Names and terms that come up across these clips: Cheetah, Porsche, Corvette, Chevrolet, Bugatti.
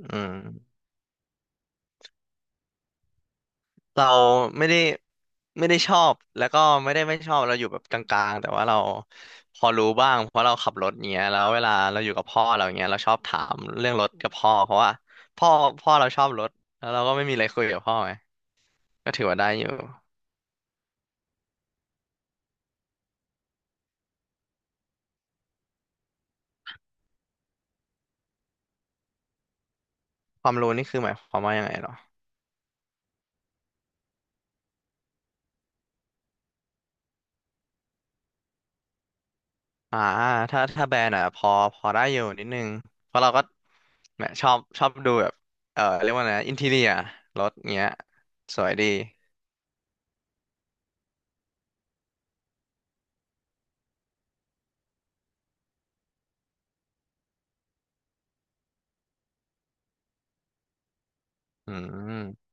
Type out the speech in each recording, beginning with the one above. อืมเราไม่ได้ไม่ได้ชอบแล้วก็ไม่ได้ไม่ชอบเราอยู่แบบกลางๆแต่ว่าเราพอรู้บ้างเพราะเราขับรถเงี้ยแล้วเวลาเราอยู่กับพ่อเราเงี้ยเราชอบถามเรื่องรถกับพ่อเพราะว่าพ่อพ่อเราชอบรถแล้วเราก็ไม่มีอะไรคุยกับพ่อไงก็ถือว่าได้อยู่ความรู้นี่คือหมายความว่ายังไงเหรออ่าถ้าแบรนด์อ่ะพอได้อยู่นิดนึงเพราะเราก็แหมชอบดูแบบเออเรียกว่าไงอินทีเรียรถเงี้ยสวยดีอืม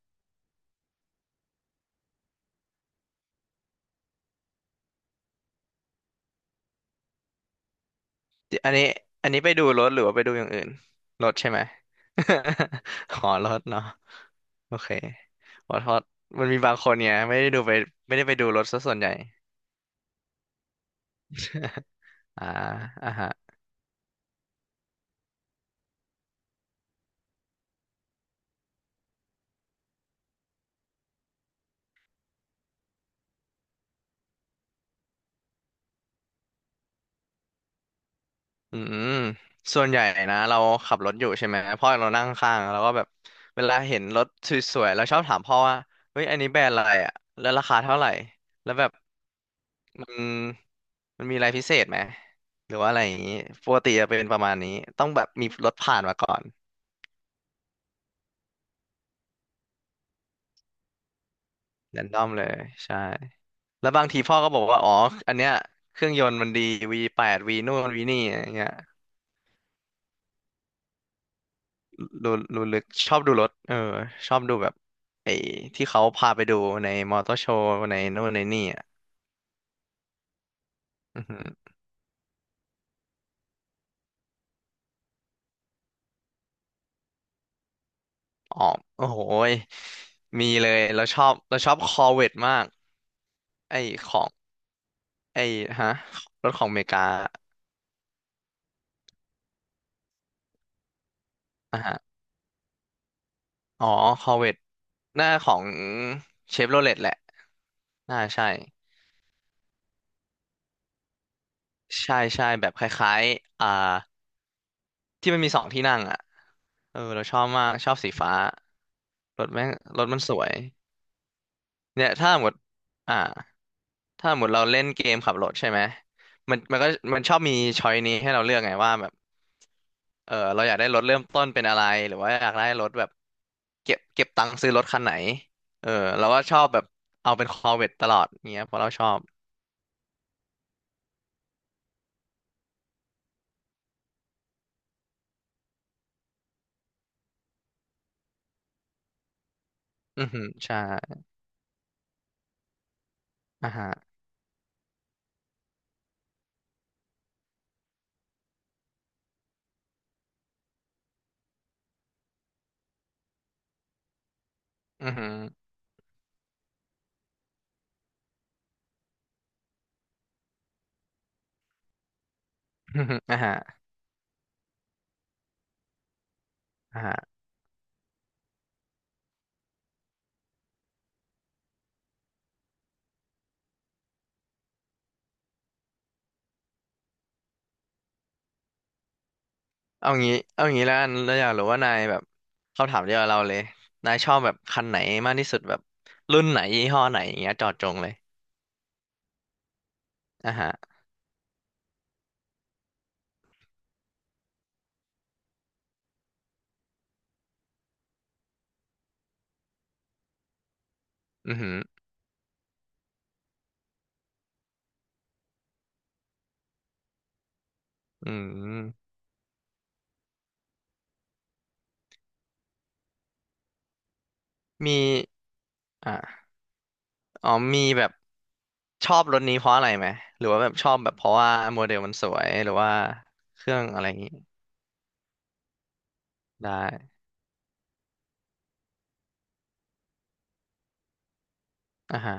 อันนี้ไปดูรถหรือว่าไปดูอย่างอื่นรถใช่ไหม ขอรถเนาะโอเครถฮอตมันมีบางคนเนี่ยไม่ได้ดูไปไม่ได้ไปดูรถซะส่วนใหญ่อ่าอ่าฮะอืมส่วนใหญ่นะเราขับรถอยู่ใช่ไหมพ่อเรานั่งข้างแล้วก็แบบเวลาเห็นรถสวยๆเราชอบถามพ่อว่าเฮ้ยอันนี้แบรนด์อะไรอ่ะแล้วราคาเท่าไหร่แล้วแบบมันมันมีอะไรพิเศษไหมหรือว่าอะไรอย่างนี้ปกติจะเป็นประมาณนี้ต้องแบบมีรถผ่านมาก่อนแรนดอมเลยใช่ แล้วบางทีพ่อก็บอกว่าอ๋ออันเนี้ยเครื่องยนต์มันดี V8 V นู่นวีนี่อะไรเงี้ยรู้ลึกชอบดูรถเออชอบดูแบบไอ้ที่เขาพาไปดูในมอเตอร์โชว์ในนู่นในนี่อ่ะอือหืออ๋อโอ้โหยมีเลยเราชอบเราชอบคอร์เวตมากไอ้ของไอ้ฮะรถของอเมริกาอ่ะฮะอ๋อคอร์เวตหน้าของเชฟโรเลตแหละอ่าใช่ใช่แบบคล้ายๆที่มันมีสองที่นั่งอ่ะเออเราชอบมากชอบสีฟ้ารถแม่งรถมันสวยเนี่ยถ้าหมดอ่าถ้าหมดเราเล่นเกมขับรถใช่ไหมมันก็มันชอบมีช้อยนี้ให้เราเลือกไงว่าแบบเออเราอยากได้รถเริ่มต้นเป็นอะไรหรือว่าอยากได้รถแบบเก็บตังค์ซื้อรถคันไหนเออเราก็ชอบแบบเอาเป็นคอเวตตลอดเงี้ยเพราะเราชอบอือหือใช่อ่าฮะอือหืออือหืออ่าฮะอ่าฮะ เอางี้แล้วกันเราอยากรู้ว่านายแบบเขาถามเดียวกับเราเลยนายชอบแบบคันไหนมากที่สุดแบบรุ่นไหนยี่ห้อไหนอย่างเงี้ยเจอดจงเลยอ่ะฮะอือหืออืมมีอ่ะอ๋อมีแบบชอบรถนี้เพราะอะไรไหมหรือว่าแบบชอบแบบเพราะว่าโมเดลมันสวยหรือว่าเครื่องอะไรอย่างงี้ได้อ่ะฮะ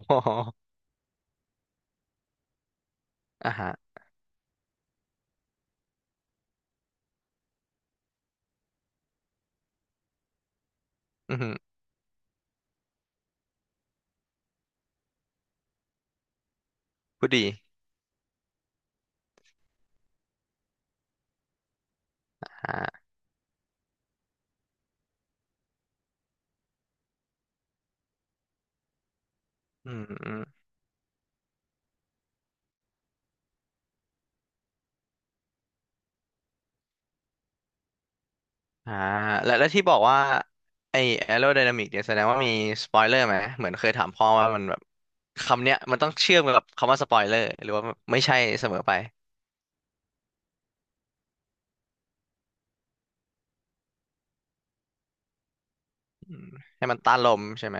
โอ้โหอ่ะฮะอือหือพูดดีฮะอืม อ่าแล้วที่บอกว่าไอ้ aerodynamic เนี่ยแสดงว่ามีสปอยเลอร์ไหมเหมือนเคยถามพ่อว่ามันแบบคำเนี้ยมันต้องเชื่อมกับคำว่าสปอยเลอร์หรือว่าไม่ใช่เสมอไปให้มันต้านลมใช่ไหม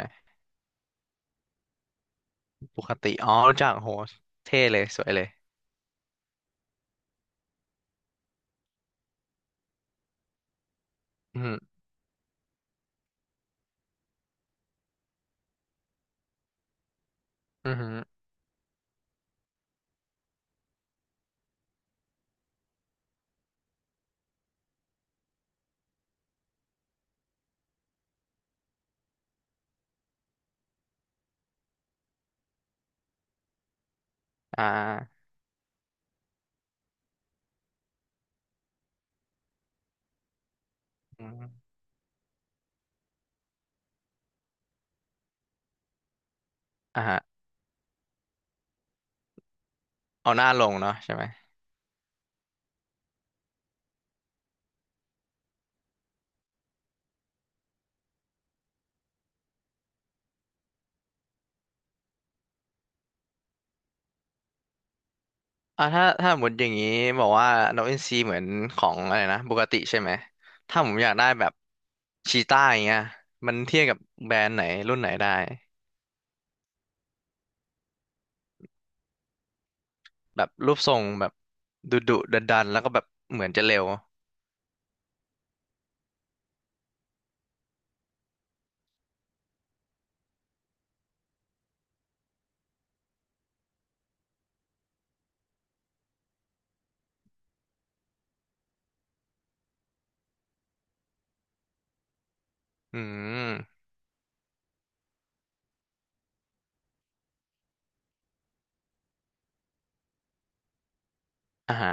ปกติอ๋อรู้จักโหเท่เลยสวยเลยอืมอหืมออือหืออ่าอืมอ่าฮะเอาหน้าลงเนาะใช่ไหมอ่าถ้าสมดอย่างนี้บอกว่านกอินทรีเหมือนของอะไรนะบูกาติใช่ไหมถ้าผมอยากได้แบบชีต้าอย่างเงี้ยมันเทียบกับแบรนด์ไหนรุ่นไหนได้ แบบรูปทรงแบบดุดันๆแล้วก็แบบเหมือนจะเร็วอืมอ่าฮะ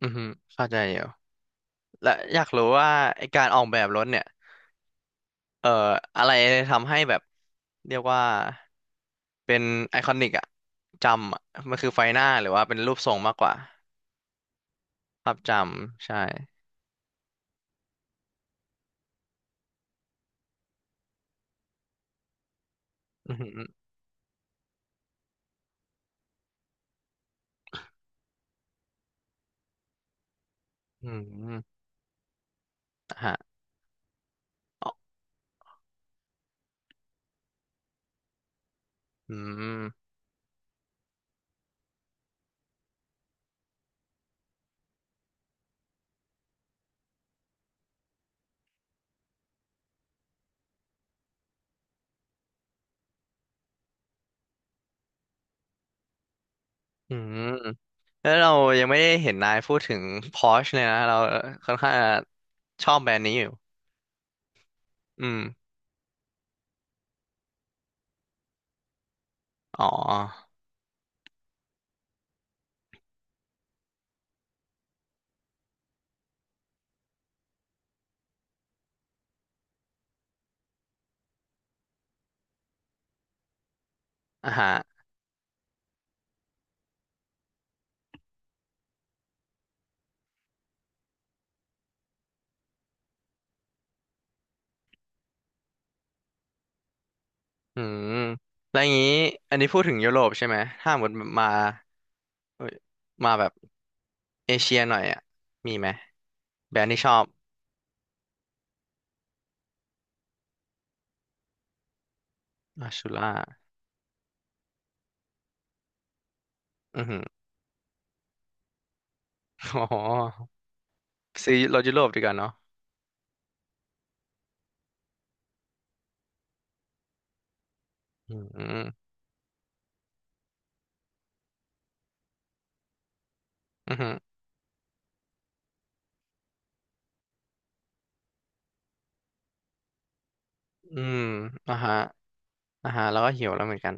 อือฮึเข้าใจอยู่และอยากรู้ว่าไอการออกแบบรถเนี่ยเอ่ออะไรทำให้แบบเรียกว่าเป็นไอคอนิกอะจำอะมันคือไฟหน้าหรือว่าเป็นรูปทรงมากกว่าภาพจำใช่อืมอหืมออืมอ่ะฮะอ๋ออืมอืมแล้วเรายังไม่ได้เห็นนายพูดถึง Porsche เลยนะเราค่อนข้างจะชอบแบรนด์นี้อยู่อืมอ๋อ อ่าฮะอืมแล้วอย่างนี้อันนี้พูดถึงยุโรปใช่ไหม ถ้าหมดมาเอ้ยมาแบบเอเชียหน่อยอ่ะมีไหม แบรนด์ที่ชอบอาชูล่าอือหือ อ๋อซื้อรถยุโรปดีกว่าเนาะอืมอืมอหืออืมอ่าฮะอ่าฮะแล้วก็หิวแล้วเหมือนกัน